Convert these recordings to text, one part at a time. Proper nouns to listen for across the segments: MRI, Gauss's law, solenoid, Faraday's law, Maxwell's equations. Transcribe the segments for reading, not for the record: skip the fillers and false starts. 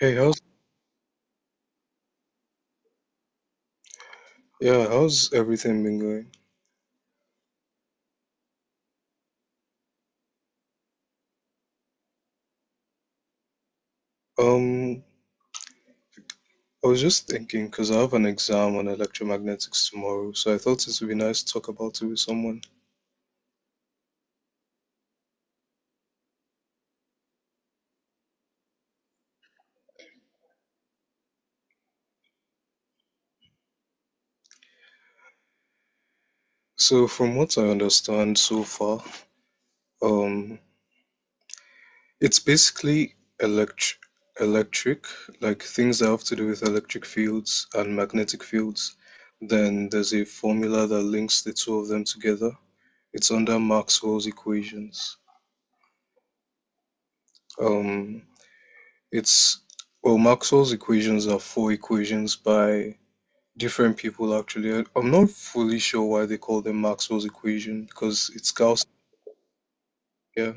Hey, how's yeah, how's everything been going? Um, I was just thinking because I have an exam on electromagnetics tomorrow, so I thought it would be nice to talk about it with someone. So, from what I understand so far, um, it's basically elect electric, like things that have to do with electric fields and magnetic fields. Then there's a formula that links the two of them together. It's under Maxwell's equations. Um, It's well, Maxwell's equations are four equations by different people actually. I'm not fully sure why they call them Maxwell's equation because it's Gauss. Yeah,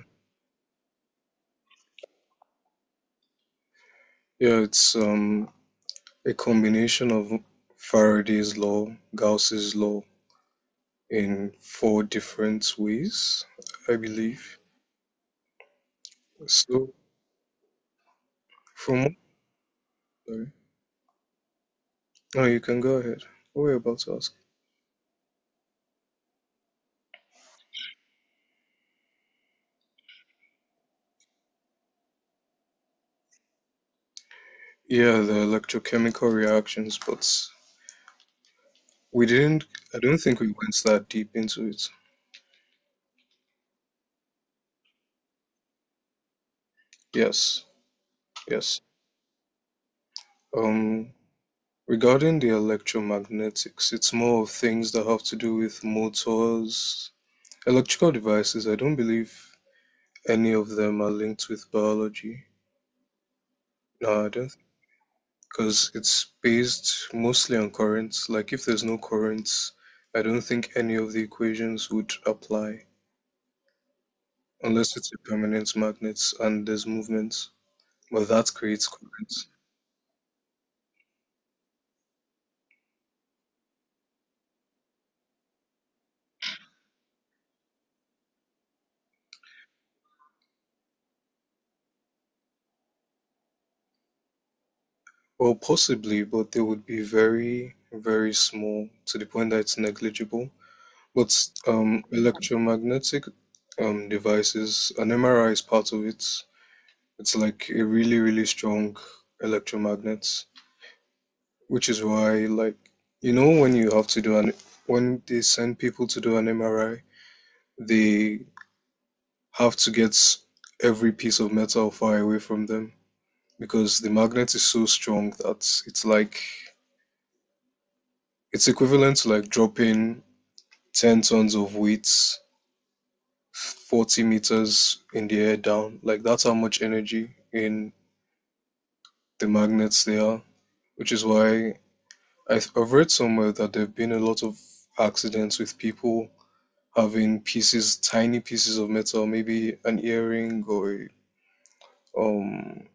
yeah, it's a combination of Faraday's law, Gauss's law in four different ways, I believe. So from sorry, no, you can go ahead. What were you about to ask? Yeah, the electrochemical reactions, but we didn't. I don't think we went that deep into it. Yes, yes. Um, regarding the electromagnetics, it's more of things that have to do with motors, electrical devices. I don't believe any of them are linked with biology. No, I don't, because it's based mostly on currents. Like if there's no currents, I don't think any of the equations would apply unless it's a permanent magnet and there's movement. But that creates currents. Well, possibly, but they would be very, very small to the point that it's negligible. But electromagnetic devices, an MRI is part of it. It's like a really, really strong electromagnet, which is why, like, when you have to do when they send people to do an MRI, they have to get every piece of metal far away from them because the magnet is so strong that it's like, it's equivalent to like dropping 10 tons of weights 40 meters in the air down. Like that's how much energy in the magnets they are, which is why I've read somewhere that there have been a lot of accidents with people having pieces, tiny pieces of metal, maybe an earring um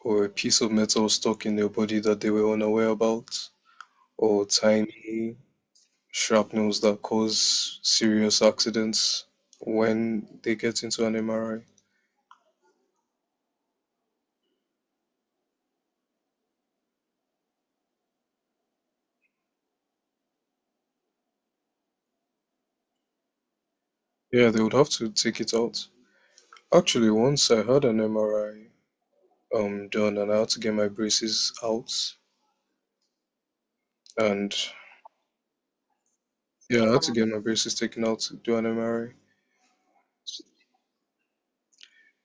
or a piece of metal stuck in their body that they were unaware about, or tiny shrapnels that cause serious accidents when they get into an MRI. Yeah, they would have to take it out. Actually, once I had an MRI done and I had to get my braces out and yeah, I had to get my braces taken out to do an MRI.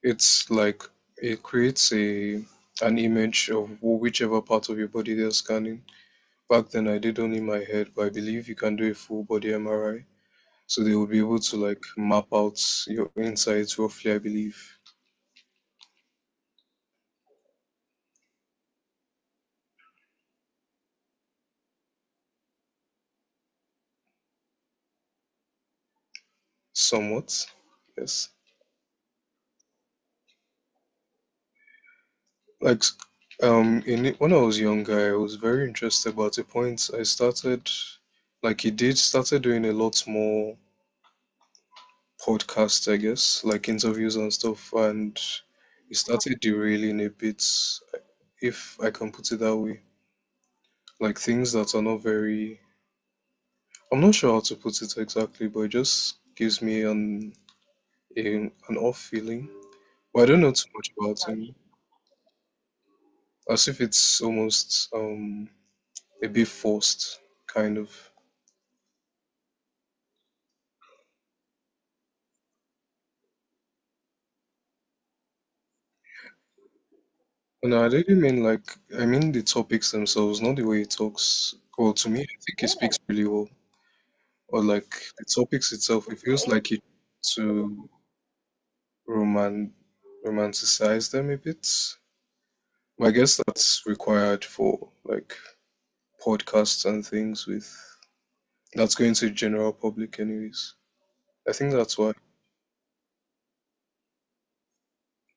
It's like it creates a an image of whichever part of your body they're scanning. Back then I did only my head, but I believe you can do a full body MRI. So they would be able to like map out your insides roughly, I believe, somewhat. Yes. Like in when I was younger, I was very interested, but at a point I started like he did started doing a lot more podcasts, I guess, like interviews and stuff, and it started derailing a bit, if I can put it that way. Like things that are not very I'm not sure how to put it exactly, but it just gives me a, an off feeling. But I don't know too much about him. As if it's almost a bit forced, kind of. No, I didn't mean like I mean the topics themselves, not the way he talks. Well, to me, I think he speaks really well. Or like the topics itself, it feels like he to roman romanticize them a bit. But I guess that's required for like podcasts and things with that's going to the general public anyways. I think that's why.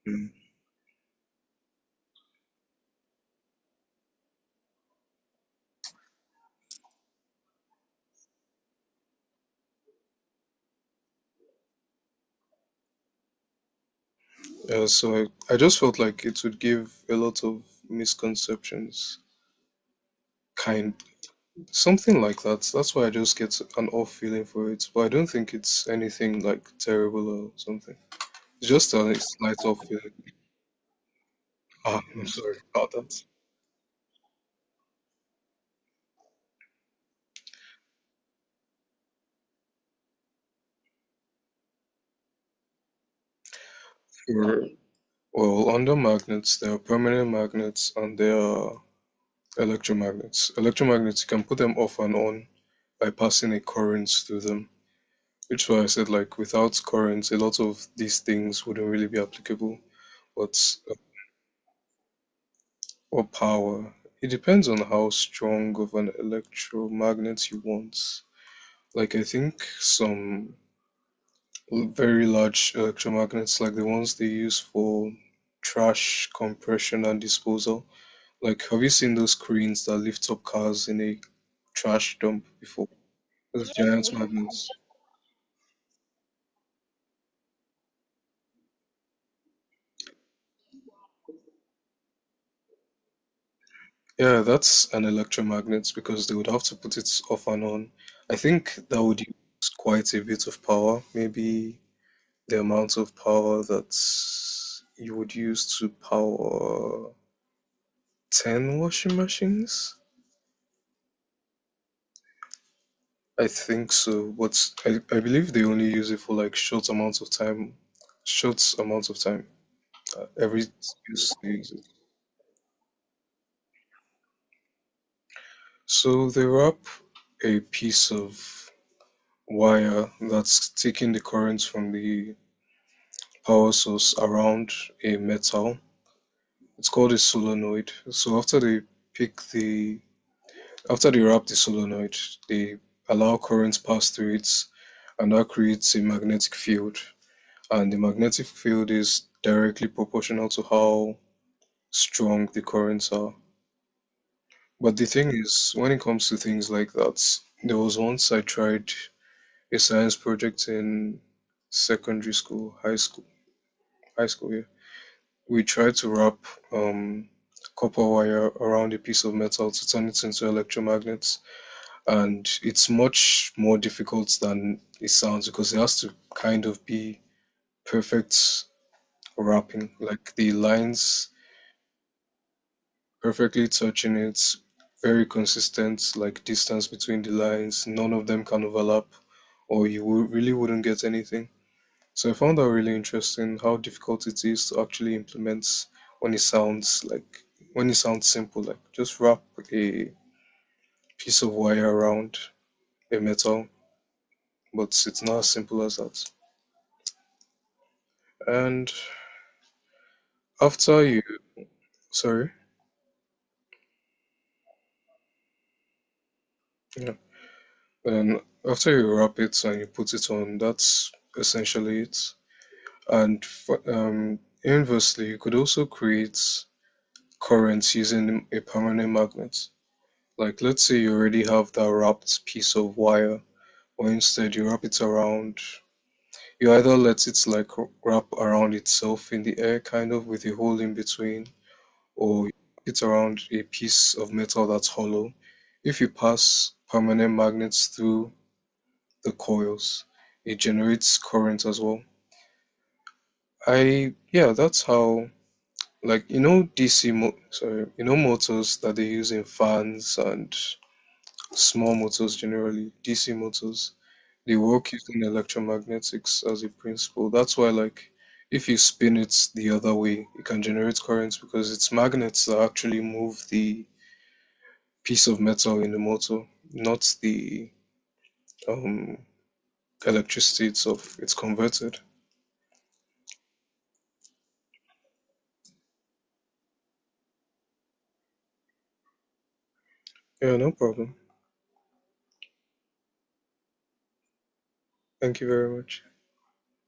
Mm. So I just felt like it would give a lot of misconceptions, kind something like that. That's why I just get an off feeling for it. But I don't think it's anything like terrible or something. It's just a slight off feeling. Ah, I'm sorry about that. For, well, under magnets, there are permanent magnets and there are electromagnets. Electromagnets, you can put them off and on by passing a current through them. Which is why I said, like, without currents, a lot of these things wouldn't really be applicable. But Or power, it depends on how strong of an electromagnet you want. Like I think some very large electromagnets, like the ones they use for trash compression and disposal. Like have you seen those cranes that lift up cars in a trash dump before? Those giant magnets. Yeah, that's an electromagnet because they would have to put it off and on. I think that would use quite a bit of power, maybe the amount of power that you would use to power 10 washing machines. I think so, but I believe they only use it for like short amounts of time. Every use they use it. So they wrap a piece of wire that's taking the current from the power source around a metal. It's called a solenoid. So pick the after they wrap the solenoid, they allow currents pass through it and that creates a magnetic field. And the magnetic field is directly proportional to how strong the currents are. But the thing is, when it comes to things like that, there was once I tried a science project in secondary school, high school, high school, yeah. We tried to wrap um, copper wire around a piece of metal to turn it into electromagnets. And it's much more difficult than it sounds because it has to kind of be perfect rapping, like the lines perfectly touching it, very consistent, like distance between the lines, none of them can overlap, or you really wouldn't get anything. So I found that really interesting how difficult it is to actually implement when it sounds like when it sounds simple, like just wrap a piece of wire around a metal, but it's not as simple as that. And after you, sorry, yeah, and after you wrap it and you put it on, that's essentially it. And inversely, you could also create currents using a permanent magnet. Like, let's say you already have that wrapped piece of wire, or instead you wrap it around. You either let it like wrap around itself in the air, kind of with a hole in between, or hit around a piece of metal that's hollow. If you pass permanent magnets through the coils, it generates current as well. Yeah, that's how, like, you know, sorry, you know, motors that they use in fans and small motors generally, DC motors, they work using electromagnetics as a principle. That's why, like, if you spin it the other way, it can generate currents because it's magnets that actually move the piece of metal in the motor, not the um, electricity itself. It's converted. Yeah, no problem. Thank you very much.